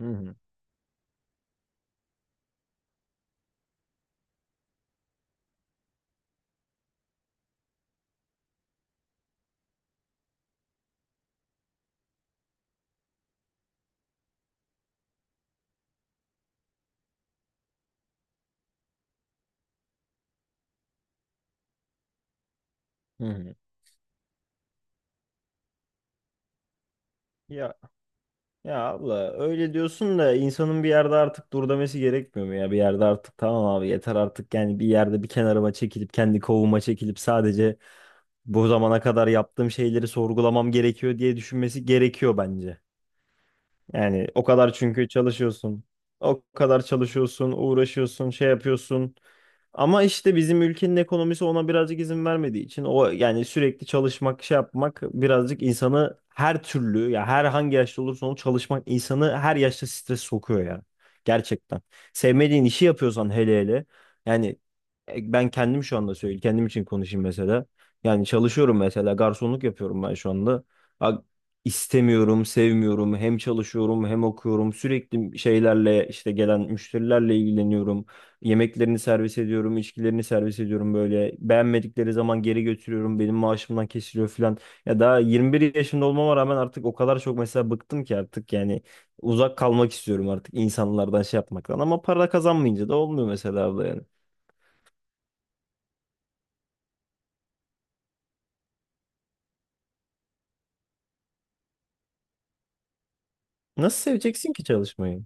Hı hı. Hı hı. Ya ya abla öyle diyorsun da insanın bir yerde artık dur demesi gerekmiyor mu ya? Bir yerde artık tamam abi yeter artık yani bir yerde bir kenarıma çekilip kendi kovuma çekilip sadece bu zamana kadar yaptığım şeyleri sorgulamam gerekiyor diye düşünmesi gerekiyor bence. Yani o kadar çünkü çalışıyorsun. O kadar çalışıyorsun, uğraşıyorsun, şey yapıyorsun. Ama işte bizim ülkenin ekonomisi ona birazcık izin vermediği için o yani sürekli çalışmak şey yapmak birazcık insanı her türlü ya her hangi yaşta olursa olsun çalışmak insanı her yaşta stres sokuyor ya. Gerçekten. Sevmediğin işi yapıyorsan hele hele yani ben kendim şu anda söyleyeyim kendim için konuşayım mesela. Yani çalışıyorum mesela garsonluk yapıyorum ben şu anda. Ha, istemiyorum, sevmiyorum. Hem çalışıyorum hem okuyorum. Sürekli şeylerle işte gelen müşterilerle ilgileniyorum. Yemeklerini servis ediyorum, içkilerini servis ediyorum böyle. Beğenmedikleri zaman geri götürüyorum. Benim maaşımdan kesiliyor falan. Ya daha 21 yaşında olmama rağmen artık o kadar çok mesela bıktım ki artık yani uzak kalmak istiyorum artık insanlardan şey yapmaktan. Ama para kazanmayınca da olmuyor mesela abla yani. Nasıl seveceksin ki çalışmayı?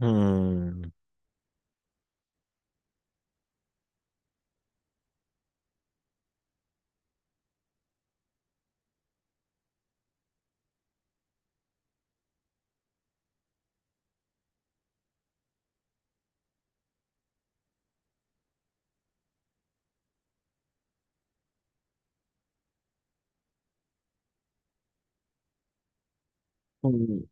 Hmm. Hmm.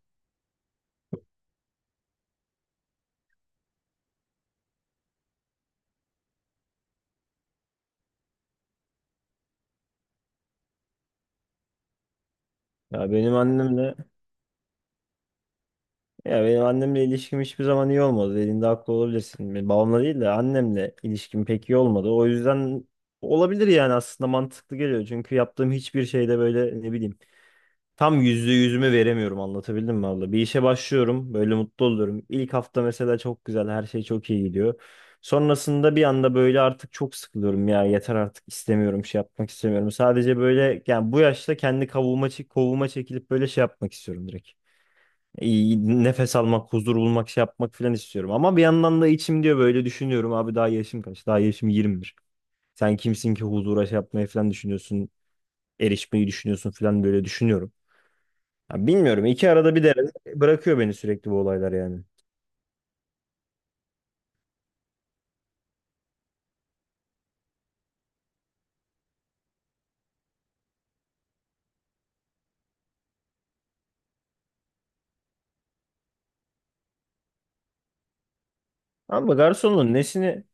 Ya benim annemle Ya benim annemle ilişkim hiçbir zaman iyi olmadı. Dediğinde haklı olabilirsin. Benim babamla değil de annemle ilişkim pek iyi olmadı. O yüzden olabilir yani aslında mantıklı geliyor. Çünkü yaptığım hiçbir şeyde böyle ne bileyim tam yüzde yüzümü veremiyorum anlatabildim mi abla? Bir işe başlıyorum böyle mutlu oluyorum. İlk hafta mesela çok güzel her şey çok iyi gidiyor. Sonrasında bir anda böyle artık çok sıkılıyorum ya yeter artık istemiyorum şey yapmak istemiyorum. Sadece böyle yani bu yaşta kendi kavuğuma, kovuğuma çekilip böyle şey yapmak istiyorum direkt iyi nefes almak, huzur bulmak, şey yapmak falan istiyorum. Ama bir yandan da içim diyor böyle düşünüyorum. Abi daha yaşım kaç? Daha yaşım 21. Sen kimsin ki huzura şey yapmayı falan düşünüyorsun, erişmeyi düşünüyorsun falan böyle düşünüyorum. Ya bilmiyorum. İki arada bir derede bırakıyor beni sürekli bu olaylar yani. Ama garsonun nesini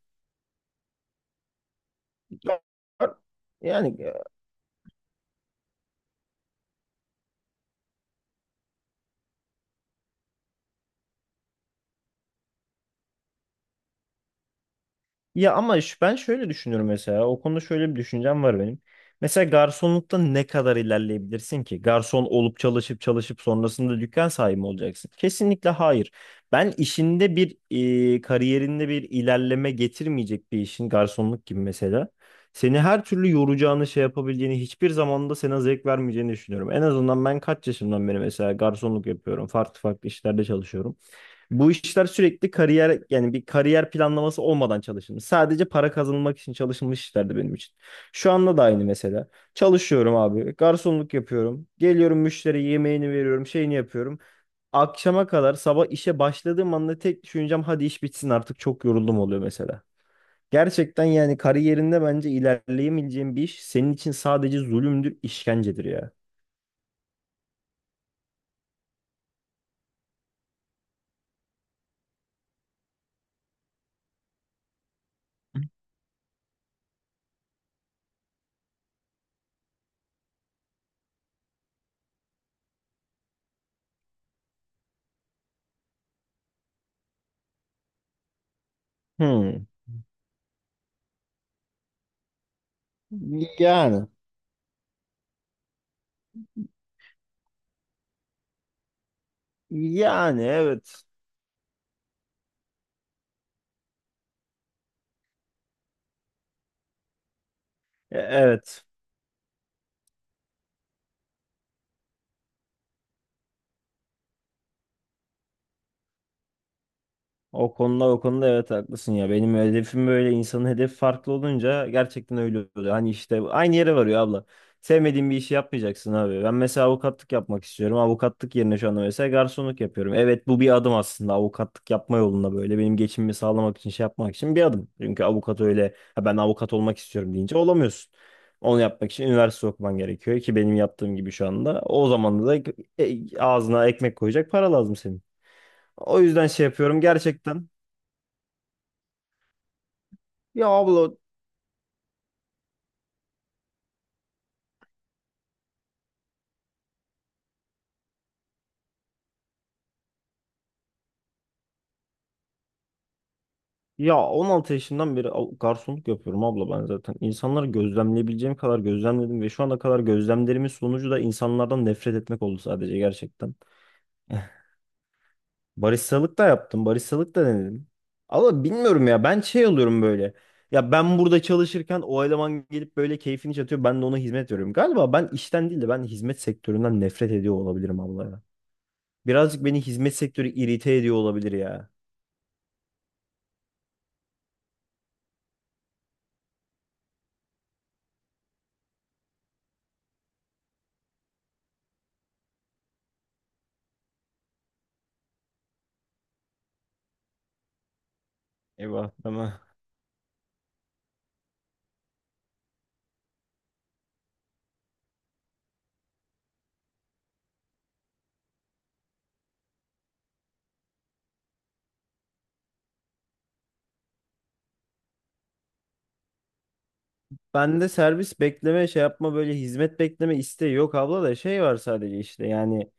yani. Ben şöyle düşünüyorum mesela. O konuda şöyle bir düşüncem var benim. Mesela garsonlukta ne kadar ilerleyebilirsin ki? Garson olup çalışıp çalışıp sonrasında dükkan sahibi mi olacaksın? Kesinlikle hayır. Ben işinde bir kariyerinde bir ilerleme getirmeyecek bir işin garsonluk gibi mesela. Seni her türlü yoracağını şey yapabileceğini hiçbir zamanda sana zevk vermeyeceğini düşünüyorum. En azından ben kaç yaşımdan beri mesela garsonluk yapıyorum. Farklı farklı işlerde çalışıyorum. Bu işler sürekli kariyer yani bir kariyer planlaması olmadan çalışılmış. Sadece para kazanılmak için çalışılmış işlerdi benim için. Şu anda da aynı mesela. Çalışıyorum abi. Garsonluk yapıyorum. Geliyorum müşteriye yemeğini veriyorum. Şeyini yapıyorum. Akşama kadar sabah işe başladığım anda tek düşüncem hadi iş bitsin artık çok yoruldum oluyor mesela. Gerçekten yani kariyerinde bence ilerleyemeyeceğin bir iş senin için sadece zulümdür, işkencedir ya. Hmm. Yani. Yani evet. Evet. O konuda o konuda evet haklısın ya. Benim hedefim böyle insanın hedefi farklı olunca gerçekten öyle oluyor. Hani işte aynı yere varıyor abla. Sevmediğin bir işi yapmayacaksın abi. Ben mesela avukatlık yapmak istiyorum. Avukatlık yerine şu anda mesela garsonluk yapıyorum. Evet bu bir adım aslında avukatlık yapma yolunda böyle benim geçimimi sağlamak için şey yapmak için bir adım. Çünkü avukat öyle ha ben avukat olmak istiyorum deyince olamıyorsun. Onu yapmak için üniversite okuman gerekiyor ki benim yaptığım gibi şu anda. O zaman da ağzına ekmek koyacak para lazım senin. O yüzden şey yapıyorum gerçekten. Ya abla ya 16 yaşından beri garsonluk yapıyorum abla ben zaten. İnsanları gözlemleyebileceğim kadar gözlemledim ve şu ana kadar gözlemlerimin sonucu da insanlardan nefret etmek oldu sadece gerçekten. Baristalık da yaptım, baristalık da denedim. Ama bilmiyorum ya ben şey oluyorum böyle. Ya ben burada çalışırken o eleman gelip böyle keyfini çatıyor ben de ona hizmet veriyorum. Galiba ben işten değil de ben hizmet sektöründen nefret ediyor olabilirim abla ya. Birazcık beni hizmet sektörü irite ediyor olabilir ya. Eyvah tamam. Bende servis bekleme şey yapma böyle hizmet bekleme isteği yok abla da şey var sadece işte yani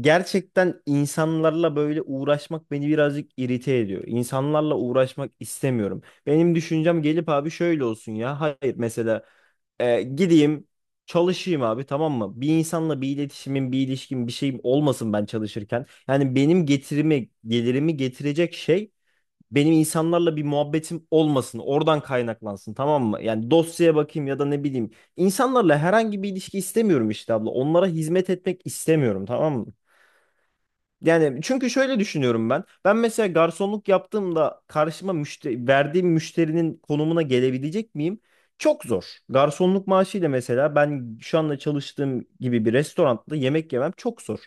gerçekten insanlarla böyle uğraşmak beni birazcık irite ediyor. İnsanlarla uğraşmak istemiyorum. Benim düşüncem gelip abi şöyle olsun ya hayır mesela gideyim çalışayım abi tamam mı? Bir insanla bir iletişimim bir ilişkim bir şeyim olmasın ben çalışırken. Yani benim getirimi gelirimi getirecek şey benim insanlarla bir muhabbetim olmasın. Oradan kaynaklansın tamam mı? Yani dosyaya bakayım ya da ne bileyim. İnsanlarla herhangi bir ilişki istemiyorum işte abla. Onlara hizmet etmek istemiyorum tamam mı? Yani çünkü şöyle düşünüyorum ben. Ben mesela garsonluk yaptığımda karşıma verdiğim müşterinin konumuna gelebilecek miyim? Çok zor. Garsonluk maaşıyla mesela ben şu anda çalıştığım gibi bir restoranda yemek yemem çok zor.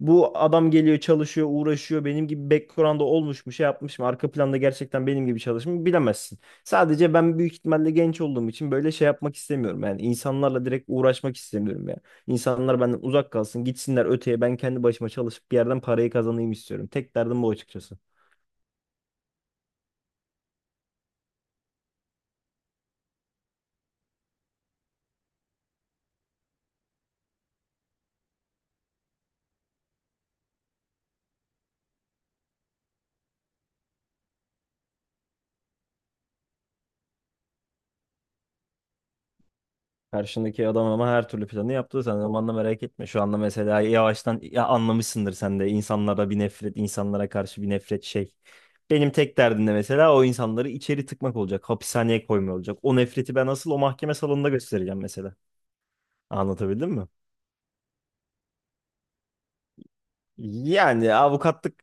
Bu adam geliyor çalışıyor uğraşıyor benim gibi background'da olmuş mu şey yapmış mı arka planda gerçekten benim gibi çalışmış mı bilemezsin. Sadece ben büyük ihtimalle genç olduğum için böyle şey yapmak istemiyorum yani insanlarla direkt uğraşmak istemiyorum. İnsanlar benden uzak kalsın, gitsinler öteye. Ben kendi başıma çalışıp bir yerden parayı kazanayım istiyorum. Tek derdim bu açıkçası. Karşındaki adam ama her türlü planı yaptı. Sen zamanla merak etme. Şu anda mesela yavaştan ya anlamışsındır sen de insanlara bir nefret, insanlara karşı bir nefret şey. Benim tek derdim de mesela o insanları içeri tıkmak olacak. Hapishaneye koymuyor olacak. O nefreti ben asıl o mahkeme salonunda göstereceğim mesela. Anlatabildim mi? Yani avukatlık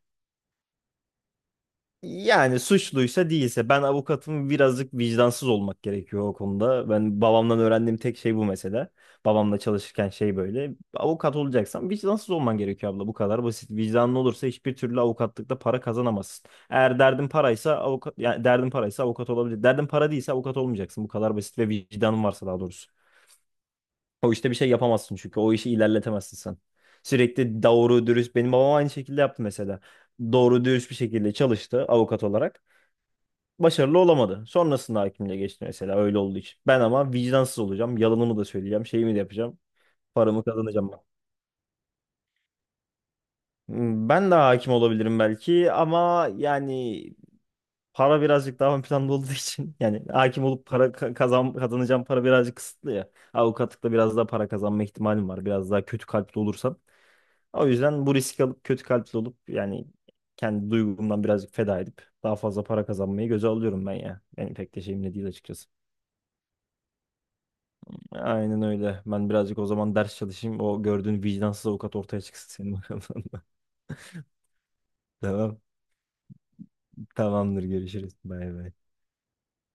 Yani suçluysa değilse ben avukatım birazcık vicdansız olmak gerekiyor o konuda. Ben babamdan öğrendiğim tek şey bu mesela. Babamla çalışırken şey böyle. Avukat olacaksan vicdansız olman gerekiyor abla bu kadar basit. Vicdanlı olursa hiçbir türlü avukatlıkta para kazanamazsın. Eğer derdin paraysa avukat yani derdin paraysa avukat olabilir. Derdin para değilse avukat olmayacaksın. Bu kadar basit ve vicdanın varsa daha doğrusu. O işte bir şey yapamazsın çünkü o işi ilerletemezsin sen. Sürekli doğru dürüst benim babam aynı şekilde yaptı mesela. Doğru dürüst bir şekilde çalıştı avukat olarak. Başarılı olamadı. Sonrasında hakimliğe geçti mesela öyle olduğu için. Ben ama vicdansız olacağım. Yalanımı da söyleyeceğim. Şeyimi de yapacağım. Paramı kazanacağım ben. Hmm, ben de hakim olabilirim belki ama yani para birazcık daha ön planda olduğu için yani hakim olup para kazanacağım para birazcık kısıtlı ya. Avukatlıkta biraz daha para kazanma ihtimalim var. Biraz daha kötü kalpli olursam. O yüzden bu riski alıp kötü kalpli olup yani kendi duygumdan birazcık feda edip daha fazla para kazanmayı göze alıyorum ben ya. Benim pek de şeyim de değil açıkçası. Aynen öyle. Ben birazcık o zaman ders çalışayım. O gördüğün vicdansız avukat ortaya çıksın senin bakalım. Tamam. Tamamdır. Görüşürüz. Bay bay.